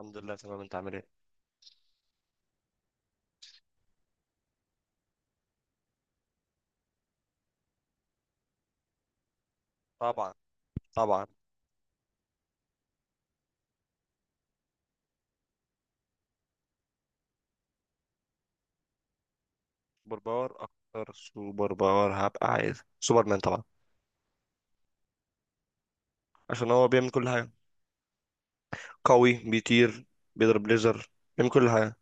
الحمد لله، تمام. انت عامل ايه؟ طبعا، طبعا. سوبر باور اكتر سوبر باور هبقى عايز سوبرمان طبعا. عشان هو بيعمل كل حاجه، قوي، بيطير، بيضرب ليزر، بيعمل كل حاجه.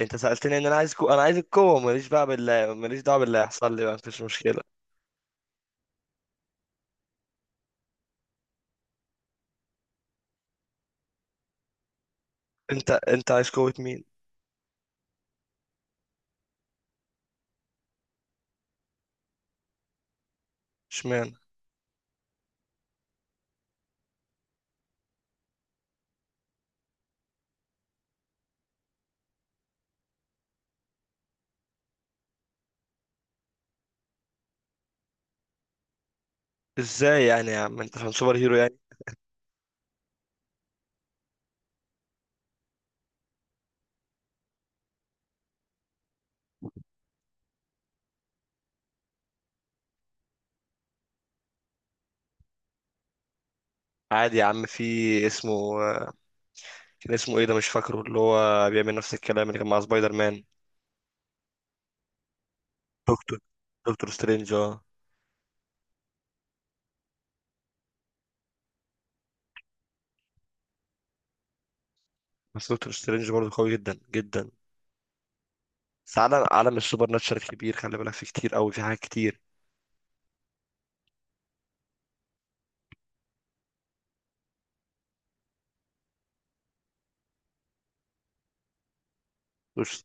انت سالتني ان انا عايز القوه، ماليش بقى، بالله ماليش دعوه باللي هيحصل لي بقى، مفيش مشكله. انت عايز قوه مين؟ اشمعنى؟ ازاي يعني يا عم، انت عشان سوبر هيرو يعني؟ عادي يا عم، في اسمه كان اسمه ايه ده مش فاكره، اللي هو بيعمل نفس الكلام اللي كان مع سبايدر مان. دكتور دكتور سترينج، اه. بس دكتور سترينج برضه قوي جدا جدا. بس عالم السوبر ناتشرال كبير، خلي بالك فيه كتير قوي، في حاجات كتير. مش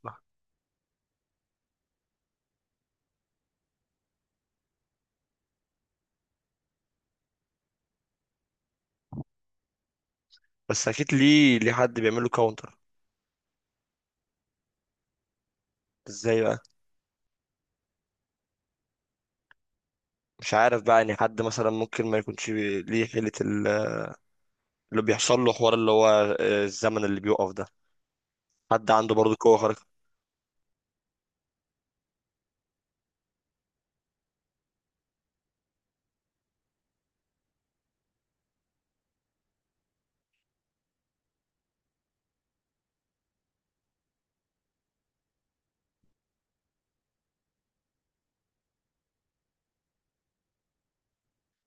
بس اكيد ليه حد بيعمل له كاونتر؟ ازاي بقى؟ مش عارف بقى، يعني حد مثلا ممكن ما يكونش ليه حيلة اللي بيحصل له حوار، اللي هو الزمن اللي بيوقف ده، حد عنده برضه قوة خارقة.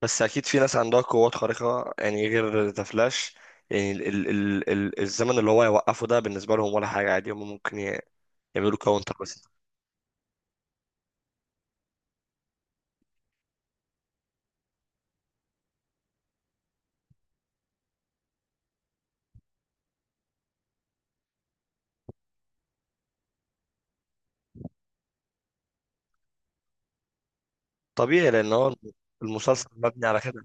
بس اكيد في ناس عندها قوات خارقة يعني غير ذا فلاش، يعني الزمن اللي هو يوقفه ده بالنسبة لهم ولا حاجة عادي، هم ممكن يعملوا كاونتر بس. طبيعي لان هو المسلسل مبني على كده،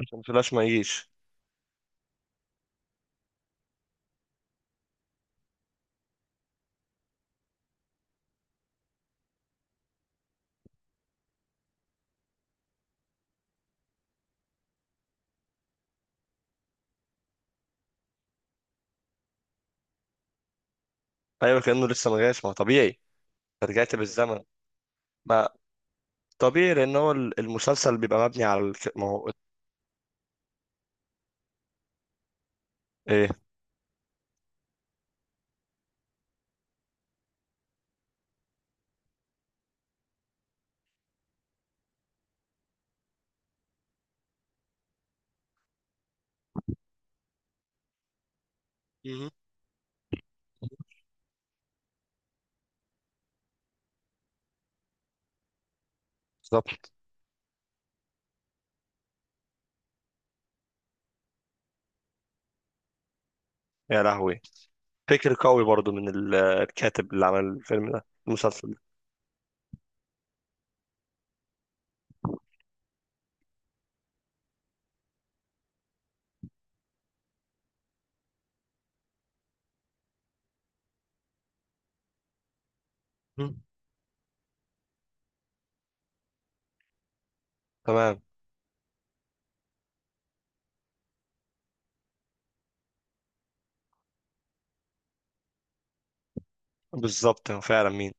عشان فلاش ما يجيش. ايوه، كانه لسه ما جاش، ما هو طبيعي، أنت رجعت بالزمن. ما طبيعي لان هو المسلسل بيبقى مبني على ما هو، ايه، مهم. بالظبط، يا لهوي. فكر قوي برضو من الكاتب اللي عمل الفيلم ده المسلسل ده. مهم. تمام. بالظبط، هو فعلا مين؟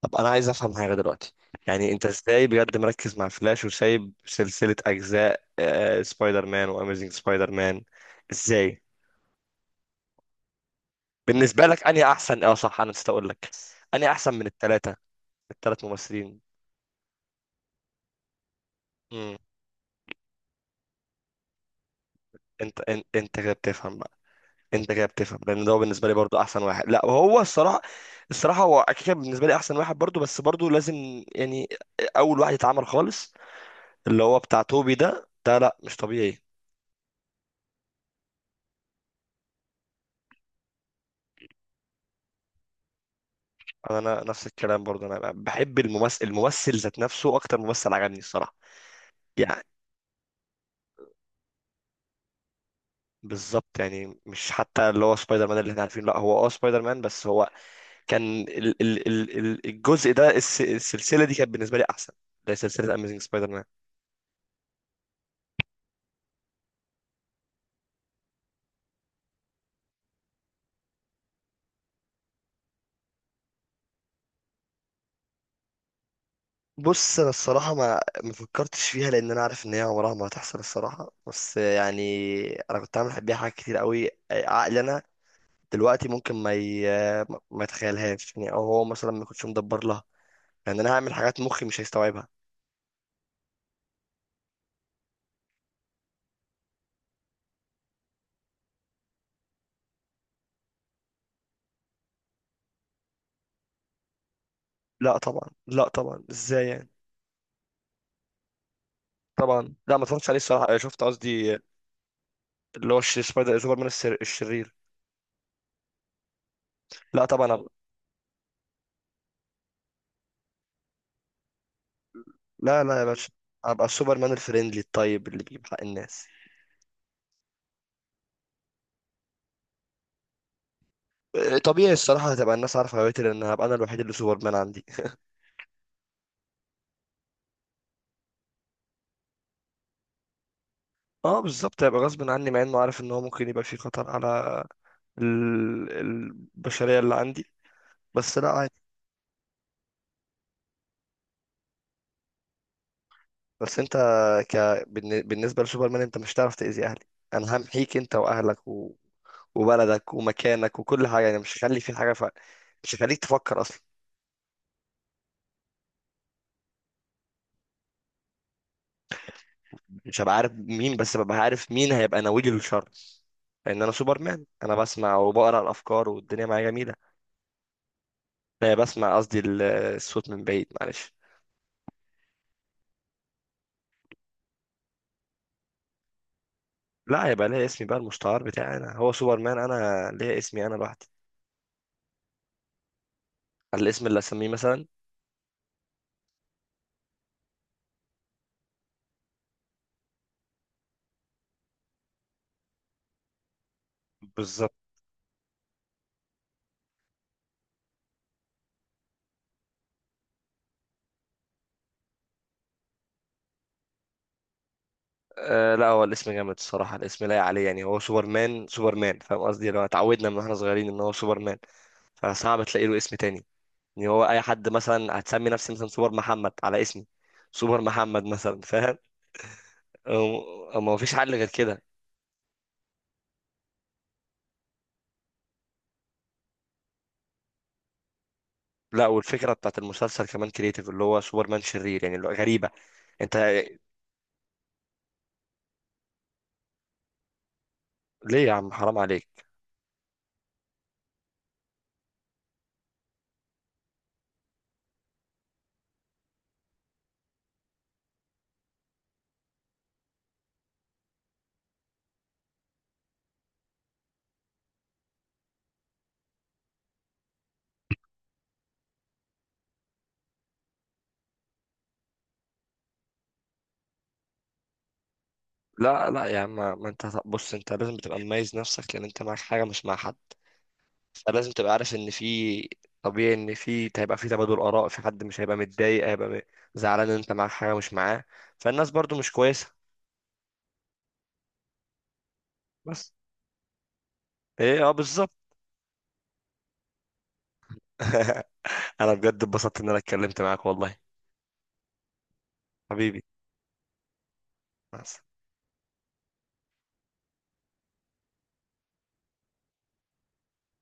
طب انا عايز افهم حاجه دلوقتي، يعني انت ازاي بجد مركز مع فلاش وسايب سلسله اجزاء سبايدر مان واميزنج سبايدر مان؟ ازاي؟ بالنسبه لك انهي احسن؟ اه صح، انا نسيت اقول لك، انهي احسن من الثلاث ممثلين؟ امم. انت كده بتفهم بقى، انت كده بتفهم لان ده هو بالنسبه لي برضو احسن واحد. لا هو الصراحه، الصراحه هو اكيد كان بالنسبه لي احسن واحد برضو، بس برضو لازم، يعني اول واحد اتعمل خالص اللي هو بتاع توبي ده، لا مش طبيعي. أنا نفس الكلام برضو، انا بحب الممثل ذات نفسه، اكتر ممثل عجبني الصراحه، يعني بالظبط، يعني مش حتى اللي هو سبايدر مان اللي احنا عارفينه، لا هو اه سبايدر مان، بس هو كان الجزء ده، السلسله دي كانت بالنسبه لي احسن، ده سلسله اميزنج سبايدر مان. بص، انا الصراحه ما فكرتش فيها لان انا عارف ان هي عمرها ما هتحصل الصراحه، بس يعني انا كنت عامل بيها حاجات كتير قوي عقلي انا، دلوقتي ممكن ما يتخيلهاش يعني، او هو مثلا ما يكونش مدبر لها، يعني انا هعمل حاجات مخي مش هيستوعبها. لا طبعا، لا طبعا، ازاي يعني؟ طبعا لا، ما اتفرجتش عليه الصراحه، شفت قصدي، اللي هو سبايدر سوبرمان، الشرير، لا طبعا. لا لا يا باشا، هبقى السوبرمان الفريندلي الطيب اللي بيجيب حق الناس. طبيعي الصراحة، هتبقى الناس عارفة هويتي لأن هبقى أنا الوحيد اللي سوبرمان عندي. اه بالظبط، هيبقى غصب عني، مع إنه عارف إن هو ممكن يبقى في خطر على البشرية اللي عندي، بس لا عادي. بس أنت ك... بالنسبة لسوبرمان أنت مش هتعرف تأذي أهلي، أنا همحيك أنت وأهلك وبلدك ومكانك وكل حاجة، يعني مش هخلي في حاجة، مش هخليك تفكر أصلا. مش هبقى عارف مين، بس ببقى عارف مين هيبقى ناوي لي الشر، لان انا سوبرمان، انا بسمع وبقرا الافكار والدنيا معايا جميله. لا بسمع قصدي الصوت من بعيد، معلش. لا، هيبقى ليا اسمي بقى المستعار بتاعي، انا هو سوبرمان، انا ليا اسمي انا لوحدي، على الاسم اللي اسميه مثلا. بالظبط. لا هو الاسم جامد الصراحه، الاسم لايق عليه، يعني هو سوبرمان، سوبرمان فاهم قصدي، لو اتعودنا من واحنا صغيرين ان هو سوبرمان، فصعب تلاقي له اسم تاني، يعني هو اي حد مثلا، هتسمي نفسي مثلا سوبر محمد على اسمي، سوبر محمد مثلا فاهم. ما فيش حل غير كده. لا، والفكره بتاعت المسلسل كمان كريتيف، اللي هو سوبرمان شرير يعني، اللي هو غريبه. انت ليه يا عم، حرام عليك. لا لا يا عم، ما انت بص، انت لازم تبقى مميز نفسك لان انت معاك حاجه مش مع حد، فلازم تبقى عارف ان في، طبيعي ان في، هيبقى في تبادل اراء، في حد مش هيبقى متضايق، هيبقى زعلان ان انت معاك حاجه مش معاه، فالناس برضو مش كويسه. بس ايه، اه بالظبط. انا بجد اتبسطت ان انا اتكلمت معاك والله. حبيبي، مع السلامة.